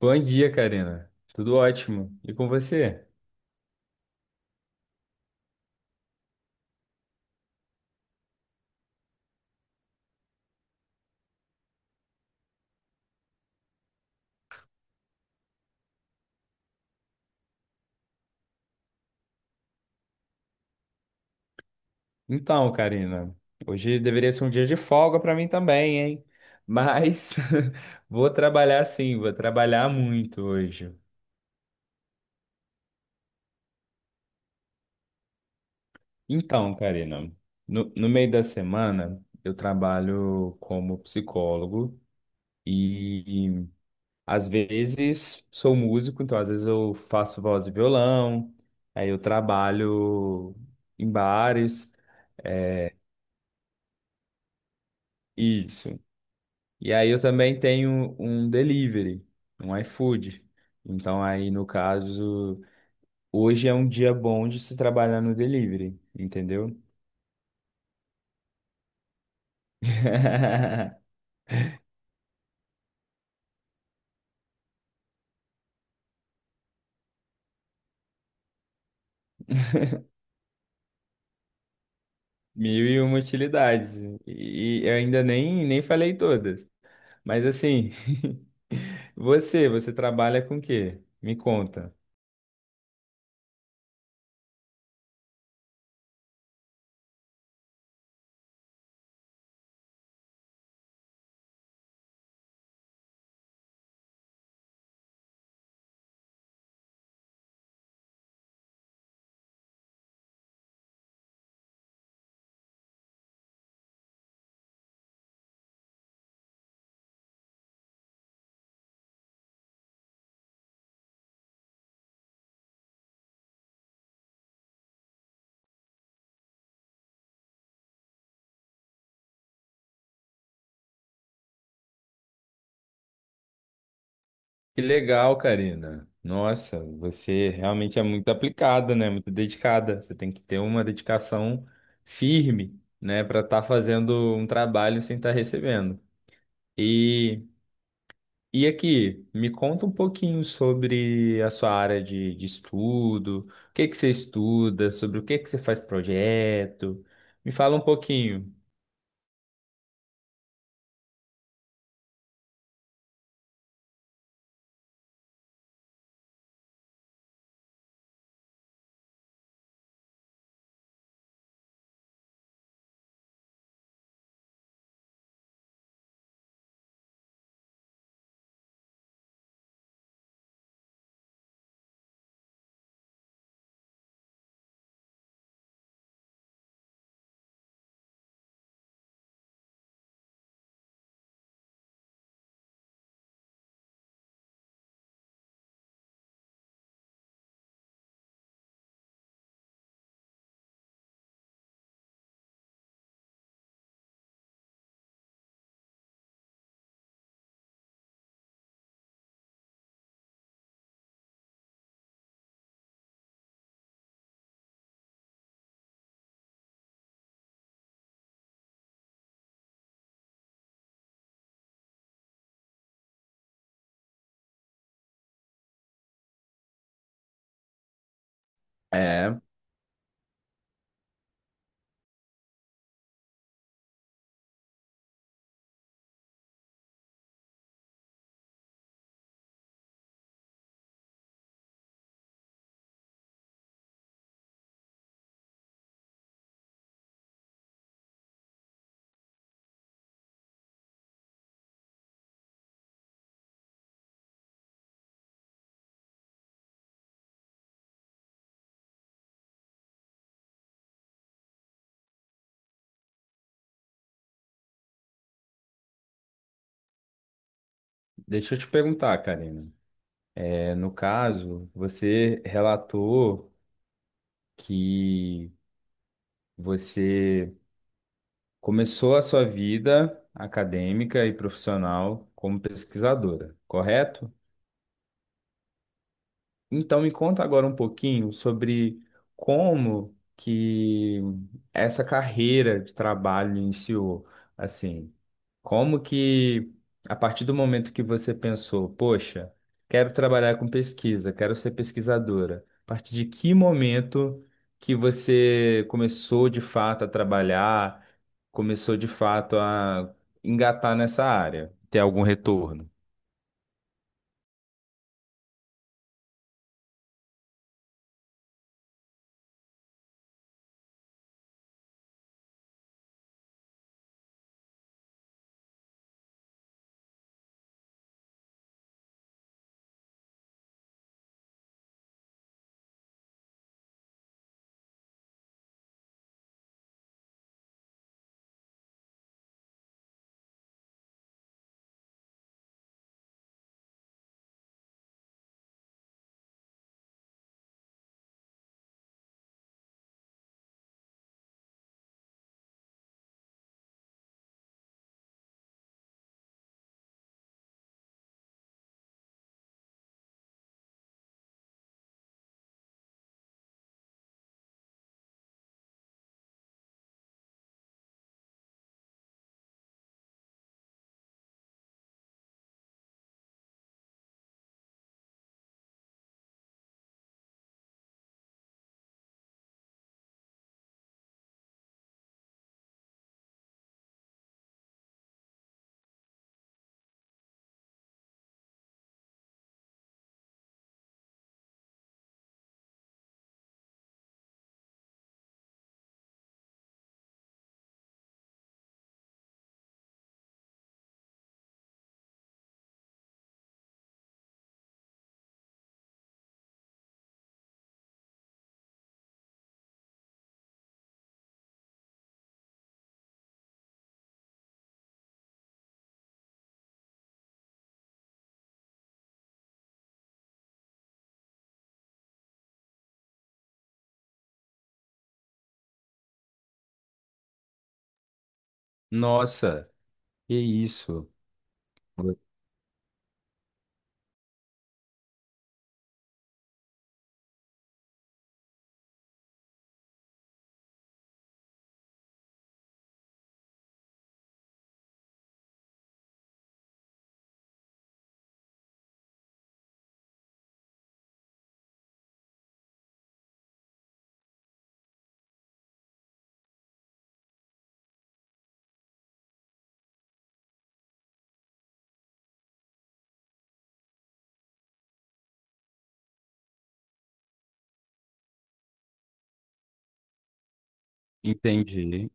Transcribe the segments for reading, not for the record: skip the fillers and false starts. Bom dia, Karina. Tudo ótimo. E com você? Então, Karina, hoje deveria ser um dia de folga para mim também, hein? Mas vou trabalhar sim, vou trabalhar muito hoje. Então, Karina, no meio da semana eu trabalho como psicólogo e às vezes sou músico, então às vezes eu faço voz e violão, aí eu trabalho em bares. eh, Isso. E aí eu também tenho um delivery, um iFood. Então aí, no caso, hoje é um dia bom de se trabalhar no delivery, entendeu? Mil e uma utilidades. E eu ainda nem falei todas. Mas assim, você trabalha com o quê? Me conta. Que legal, Karina. Nossa, você realmente é muito aplicada, né? Muito dedicada. Você tem que ter uma dedicação firme, né, para estar fazendo um trabalho sem estar recebendo. E, e aqui, me conta um pouquinho sobre a sua área de estudo, o que que você estuda, sobre o que que você faz projeto. Me fala um pouquinho. É, deixa eu te perguntar, Karina. É, no caso, você relatou. Que você começou a sua vida acadêmica e profissional como pesquisadora, correto? Então me conta agora um pouquinho sobre como que essa carreira de trabalho iniciou, assim, como que a partir do momento que você pensou, poxa, quero trabalhar com pesquisa, quero ser pesquisadora, a partir de que momento que você começou de fato a trabalhar, começou de fato a engatar nessa área, ter algum retorno? Nossa, que isso. Entendi.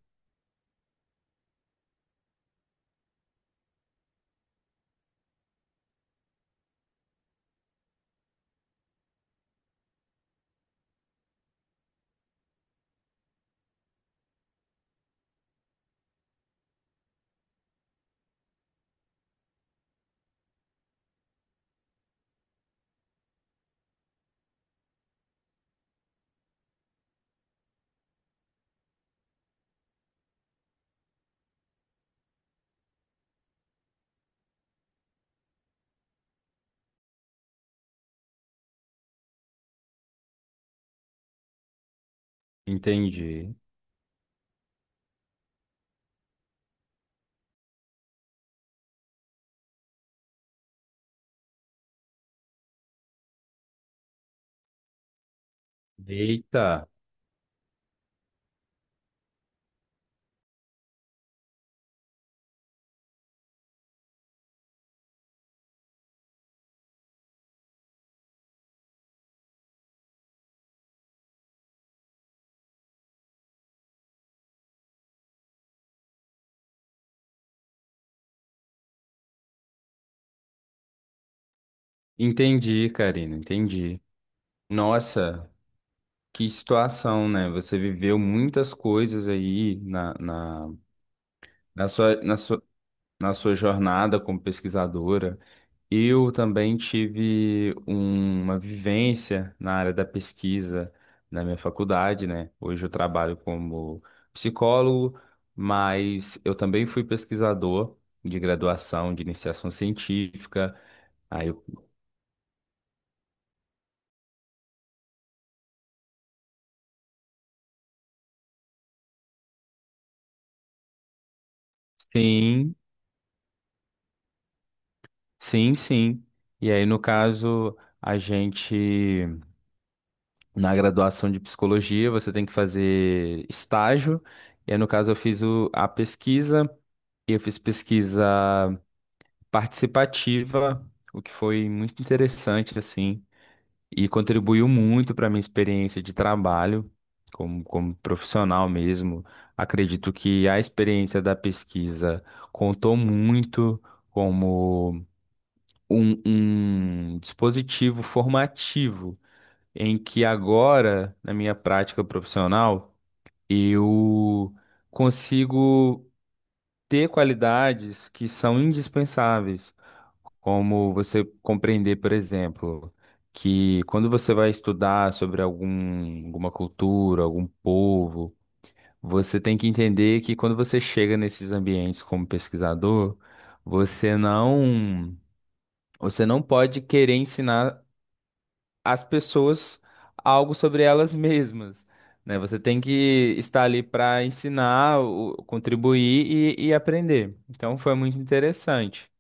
Entendi. Eita, entendi, Karina, entendi. Nossa, que situação, né? Você viveu muitas coisas aí na sua, na sua jornada como pesquisadora. Eu também tive uma vivência na área da pesquisa na minha faculdade, né? Hoje eu trabalho como psicólogo, mas eu também fui pesquisador de graduação, de iniciação científica. Aí eu Sim, sim, sim. E aí, no caso, a gente, na graduação de psicologia, você tem que fazer estágio. E aí, no caso, eu fiz a pesquisa, e eu fiz pesquisa participativa, o que foi muito interessante, assim, e contribuiu muito para minha experiência de trabalho, como profissional mesmo. Acredito que a experiência da pesquisa contou muito como. Um dispositivo formativo em que agora, na minha prática profissional, eu consigo ter qualidades que são indispensáveis, como você compreender, por exemplo, que quando você vai estudar sobre alguma cultura, algum povo, você tem que entender que quando você chega nesses ambientes como pesquisador, você não você não pode querer ensinar as pessoas algo sobre elas mesmas, né? Você tem que estar ali para ensinar, contribuir e aprender. Então foi muito interessante.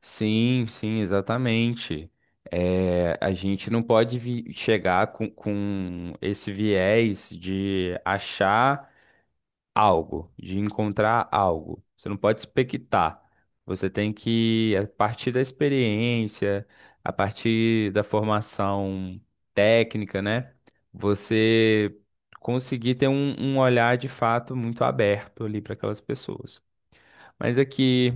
Sim, sim, exatamente. É, a gente não pode chegar com esse viés de achar algo, de encontrar algo. Você não pode expectar. Você tem que, a partir da experiência, a partir da formação técnica, né? Você conseguir ter um olhar de fato muito aberto ali para aquelas pessoas. Mas aqui,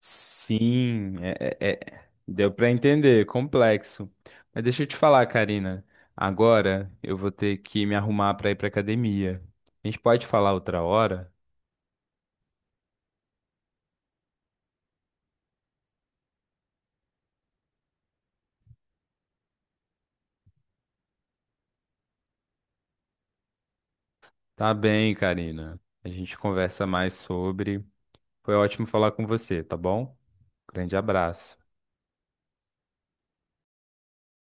sim, é, deu para entender, complexo. Mas deixa eu te falar, Karina. Agora eu vou ter que me arrumar para ir para academia. A gente pode falar outra hora? Tá bem, Karina. A gente conversa mais sobre. Foi ótimo falar com você, tá bom? Grande abraço.